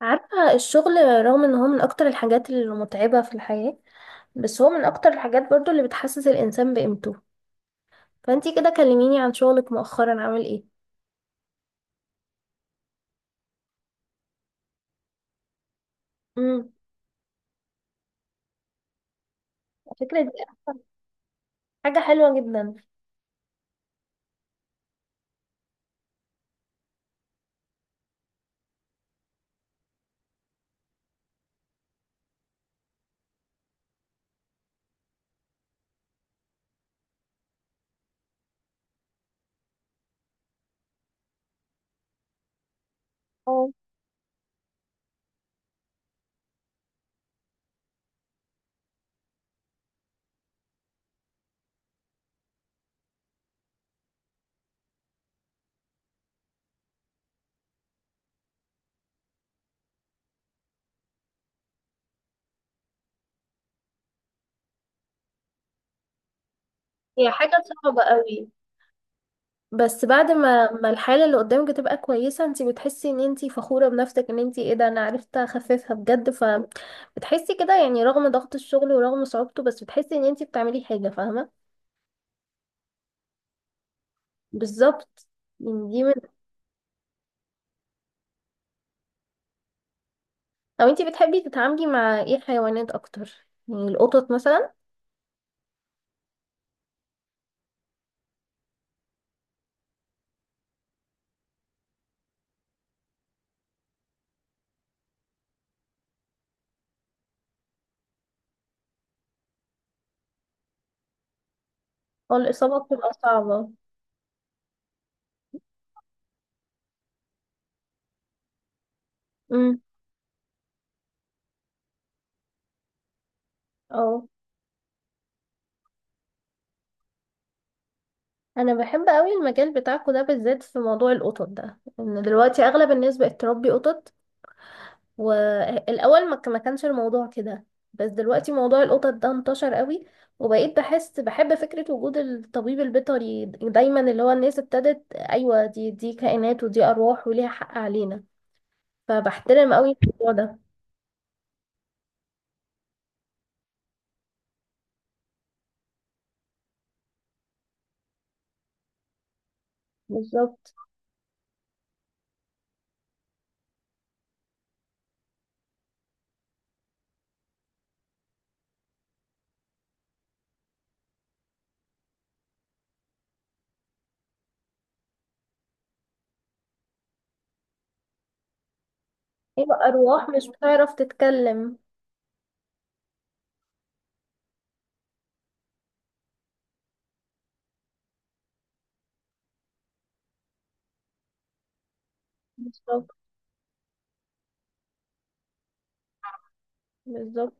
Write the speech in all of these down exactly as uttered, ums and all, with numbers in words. عارفة الشغل، رغم ان هو من اكتر الحاجات المتعبة في الحياة، بس هو من اكتر الحاجات برضو اللي بتحسس الانسان بقيمته. فانتي كده كلميني عن شغلك مؤخرا عامل ايه؟ امم. الفكرة دي أصلاً حاجة حلوة جدا. اه، هي حاجة صعبة قوي. بس بعد ما ما الحالة اللي قدامك تبقى كويسة انتي بتحسي ان انتي فخورة بنفسك ان انتي ايه ده انا عرفت اخففها بجد، فبتحسي كده يعني رغم ضغط الشغل ورغم صعوبته بس بتحسي ان انتي بتعملي حاجة، فاهمة؟ بالظبط. يعني دي من. لو انتي بتحبي تتعاملي مع ايه حيوانات اكتر، يعني القطط مثلا؟ هو الاصابه بتبقى صعبه. امم. اه. انا بحب قوي المجال بتاعكو ده، بالذات في موضوع القطط ده، ان دلوقتي اغلب الناس بقت تربي قطط. والاول ما ك- ما كانش الموضوع كده، بس دلوقتي موضوع القطط ده انتشر قوي. وبقيت بحس بحب فكره وجود الطبيب البيطري دايما، اللي هو الناس ابتدت ايوه دي دي كائنات ودي ارواح وليها حق علينا. فبحترم قوي الموضوع ده. بالظبط. هيبقى أرواح مش هتعرف تتكلم. بالظبط. بالظبط.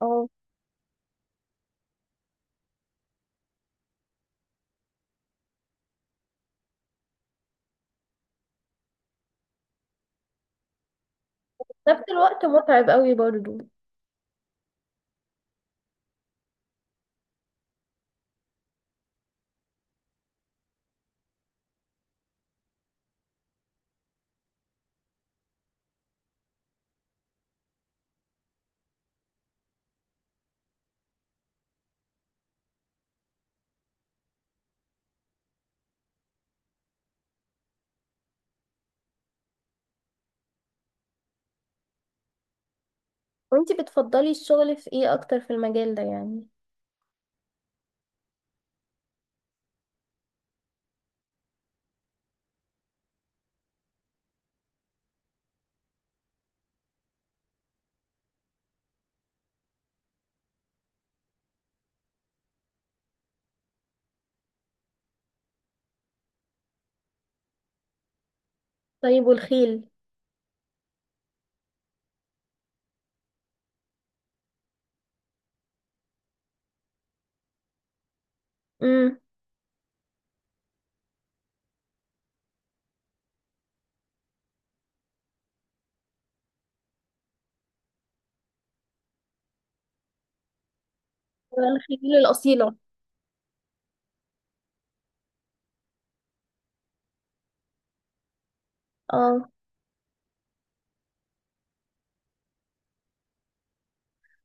اه. نفس الوقت متعب قوي برضو. وانتي بتفضلي الشغل في ايه أكتر في المجال ده يعني؟ طيب، والخيل؟ امم. الخيل الأصيلة. اه.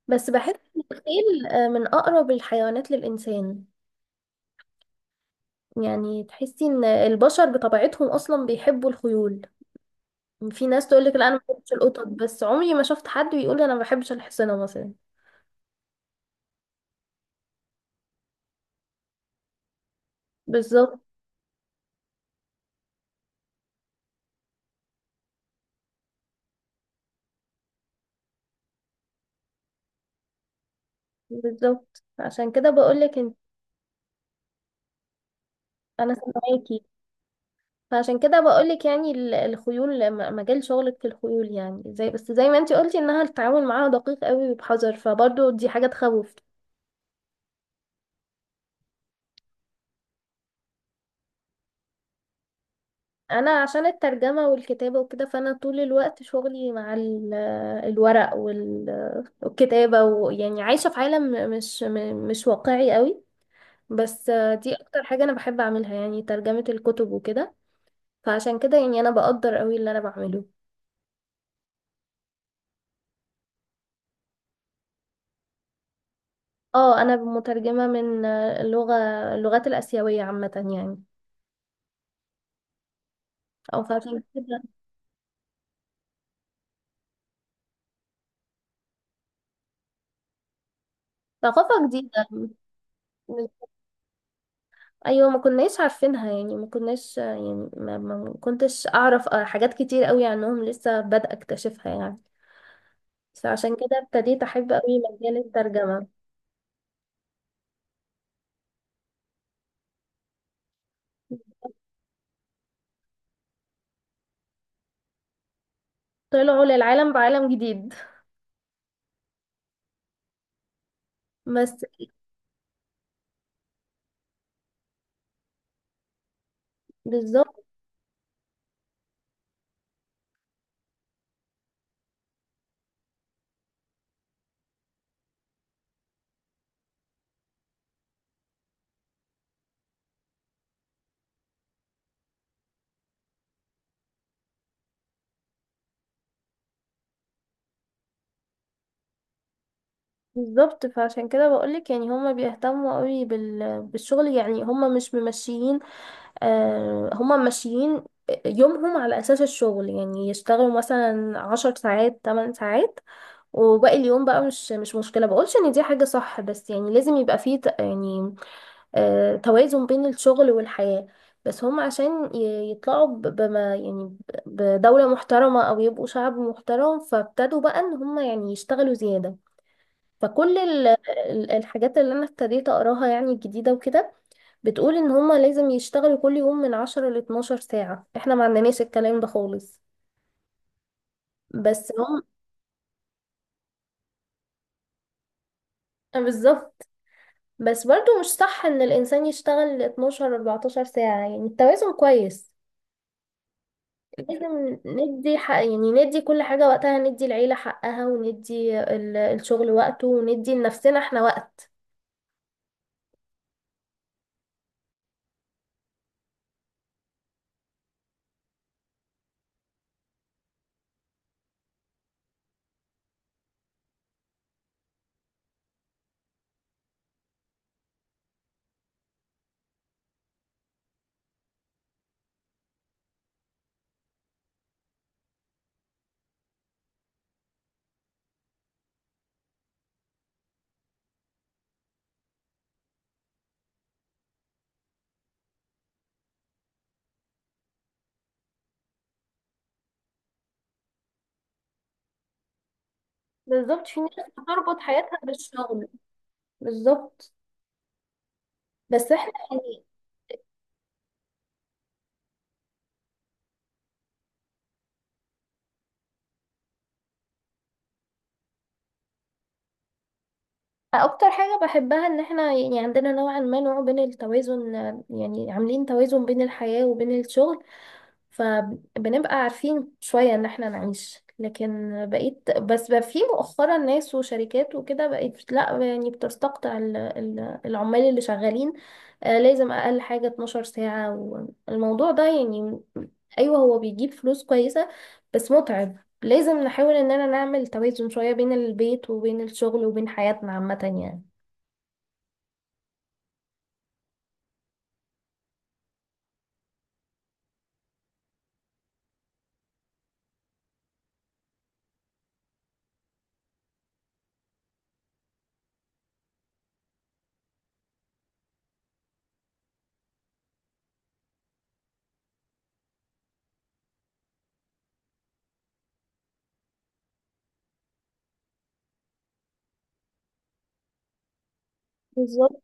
بس بحس إن الخيل آه، من أقرب الحيوانات للإنسان. يعني تحسي إن البشر بطبيعتهم أصلا بيحبوا الخيول. في ناس تقولك لا، أنا ما بحبش القطط، بس عمري ما شفت حد بيقول أنا ما بحبش الحصنة مثلا. بالظبط. بالظبط عشان كده بقولك. انا سامعاكي. فعشان كده بقولك يعني ال- الخيول، م- مجال شغلك في الخيول يعني، زي بس زي ما انتي قلتي انها التعامل معاها دقيق قوي وبحذر، فبرضه دي حاجة تخوف. انا عشان الترجمة والكتابة وكده، فانا طول الوقت شغلي مع ال- الورق وال- والكتابة، ويعني عايشة في عالم مش م- مش واقعي قوي. بس دي اكتر حاجة انا بحب اعملها، يعني ترجمة الكتب وكده. فعشان كده يعني انا بقدر قوي اللي انا بعمله. اه، انا مترجمه من اللغه اللغات الاسيويه عامه. يعني. او فعشان كده. ثقافه جديده. ايوه، ما كناش عارفينها يعني، ما كناش يعني، ما, ما كنتش اعرف آه، حاجات كتير قوي عنهم، لسه بادئه اكتشفها يعني. فعشان كده ابتديت احب قوي مجال الترجمه. طلعوا للعالم بعالم جديد. بس. بالظبط. بالظبط فعشان كده بقولك يعني هما بيهتموا قوي بال... بالشغل. يعني هما مش ممشيين، آه، هما ماشيين يومهم على أساس الشغل، يعني يشتغلوا مثلا عشر ساعات، تمن ساعات، وباقي اليوم بقى مش مش مشكلة. بقولش إن دي حاجة صح، بس يعني لازم يبقى فيه ت- يعني آه، توازن بين الشغل والحياة. بس هم عشان ي- يطلعوا ب- بما يعني ب- بدولة محترمة أو يبقوا شعب محترم، فابتدوا بقى إن هم يعني يشتغلوا زيادة. فكل ال- ال- الحاجات اللي انا ابتديت اقراها يعني الجديدة وكده، بتقول ان هما لازم يشتغلوا كل يوم من عشرة لاتناشر ساعة. احنا ما عندناش الكلام ده خالص. بس هم. آه، بالظبط. بس برضو مش صح ان الانسان يشتغل اثنا عشر اربعتاشر ساعة. يعني التوازن كويس. لازم ندي حق، يعني ندي كل حاجة وقتها، ندي العيلة حقها وندي ال- الشغل وقته وندي لنفسنا احنا وقت. بالظبط، في ناس بتربط حياتها بالشغل. بالظبط. بس احنا يعني. اكتر حاجة بحبها ان احنا يعني عندنا نوعا ما نوع بين التوازن، يعني عاملين توازن بين الحياة وبين الشغل. فبنبقى عارفين شوية ان احنا نعيش، لكن بقيت، بس بقى في مؤخرا ناس وشركات وكده بقيت لا، يعني بتستقطع ال- ال- العمال اللي شغالين آه، لازم اقل حاجة اثنا عشر ساعة. والموضوع ده يعني، ايوه هو بيجيب فلوس كويسة بس متعب. لازم نحاول اننا نعمل توازن شوية بين البيت وبين الشغل وبين حياتنا عامة يعني. بالظبط.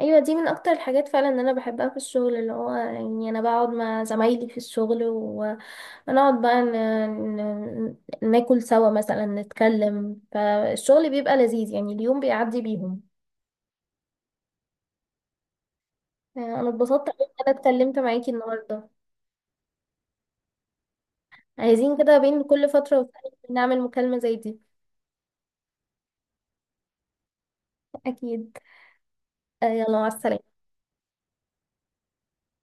ايوه دي من اكتر الحاجات فعلا ان انا بحبها في الشغل، اللي هو يعني انا بقعد مع زمايلي في الشغل و- ونقعد بقى ن... ن... ناكل سوا مثلا، نتكلم، فالشغل بيبقى لذيذ يعني، اليوم بيعدي بيهم. آه، انا اتبسطت قوي ان انا اتكلمت معاكي النهارده. عايزين كده بين كل فترة والتانية نعمل مكالمة زي دي. اكيد. آه، يلا، مع السلامة.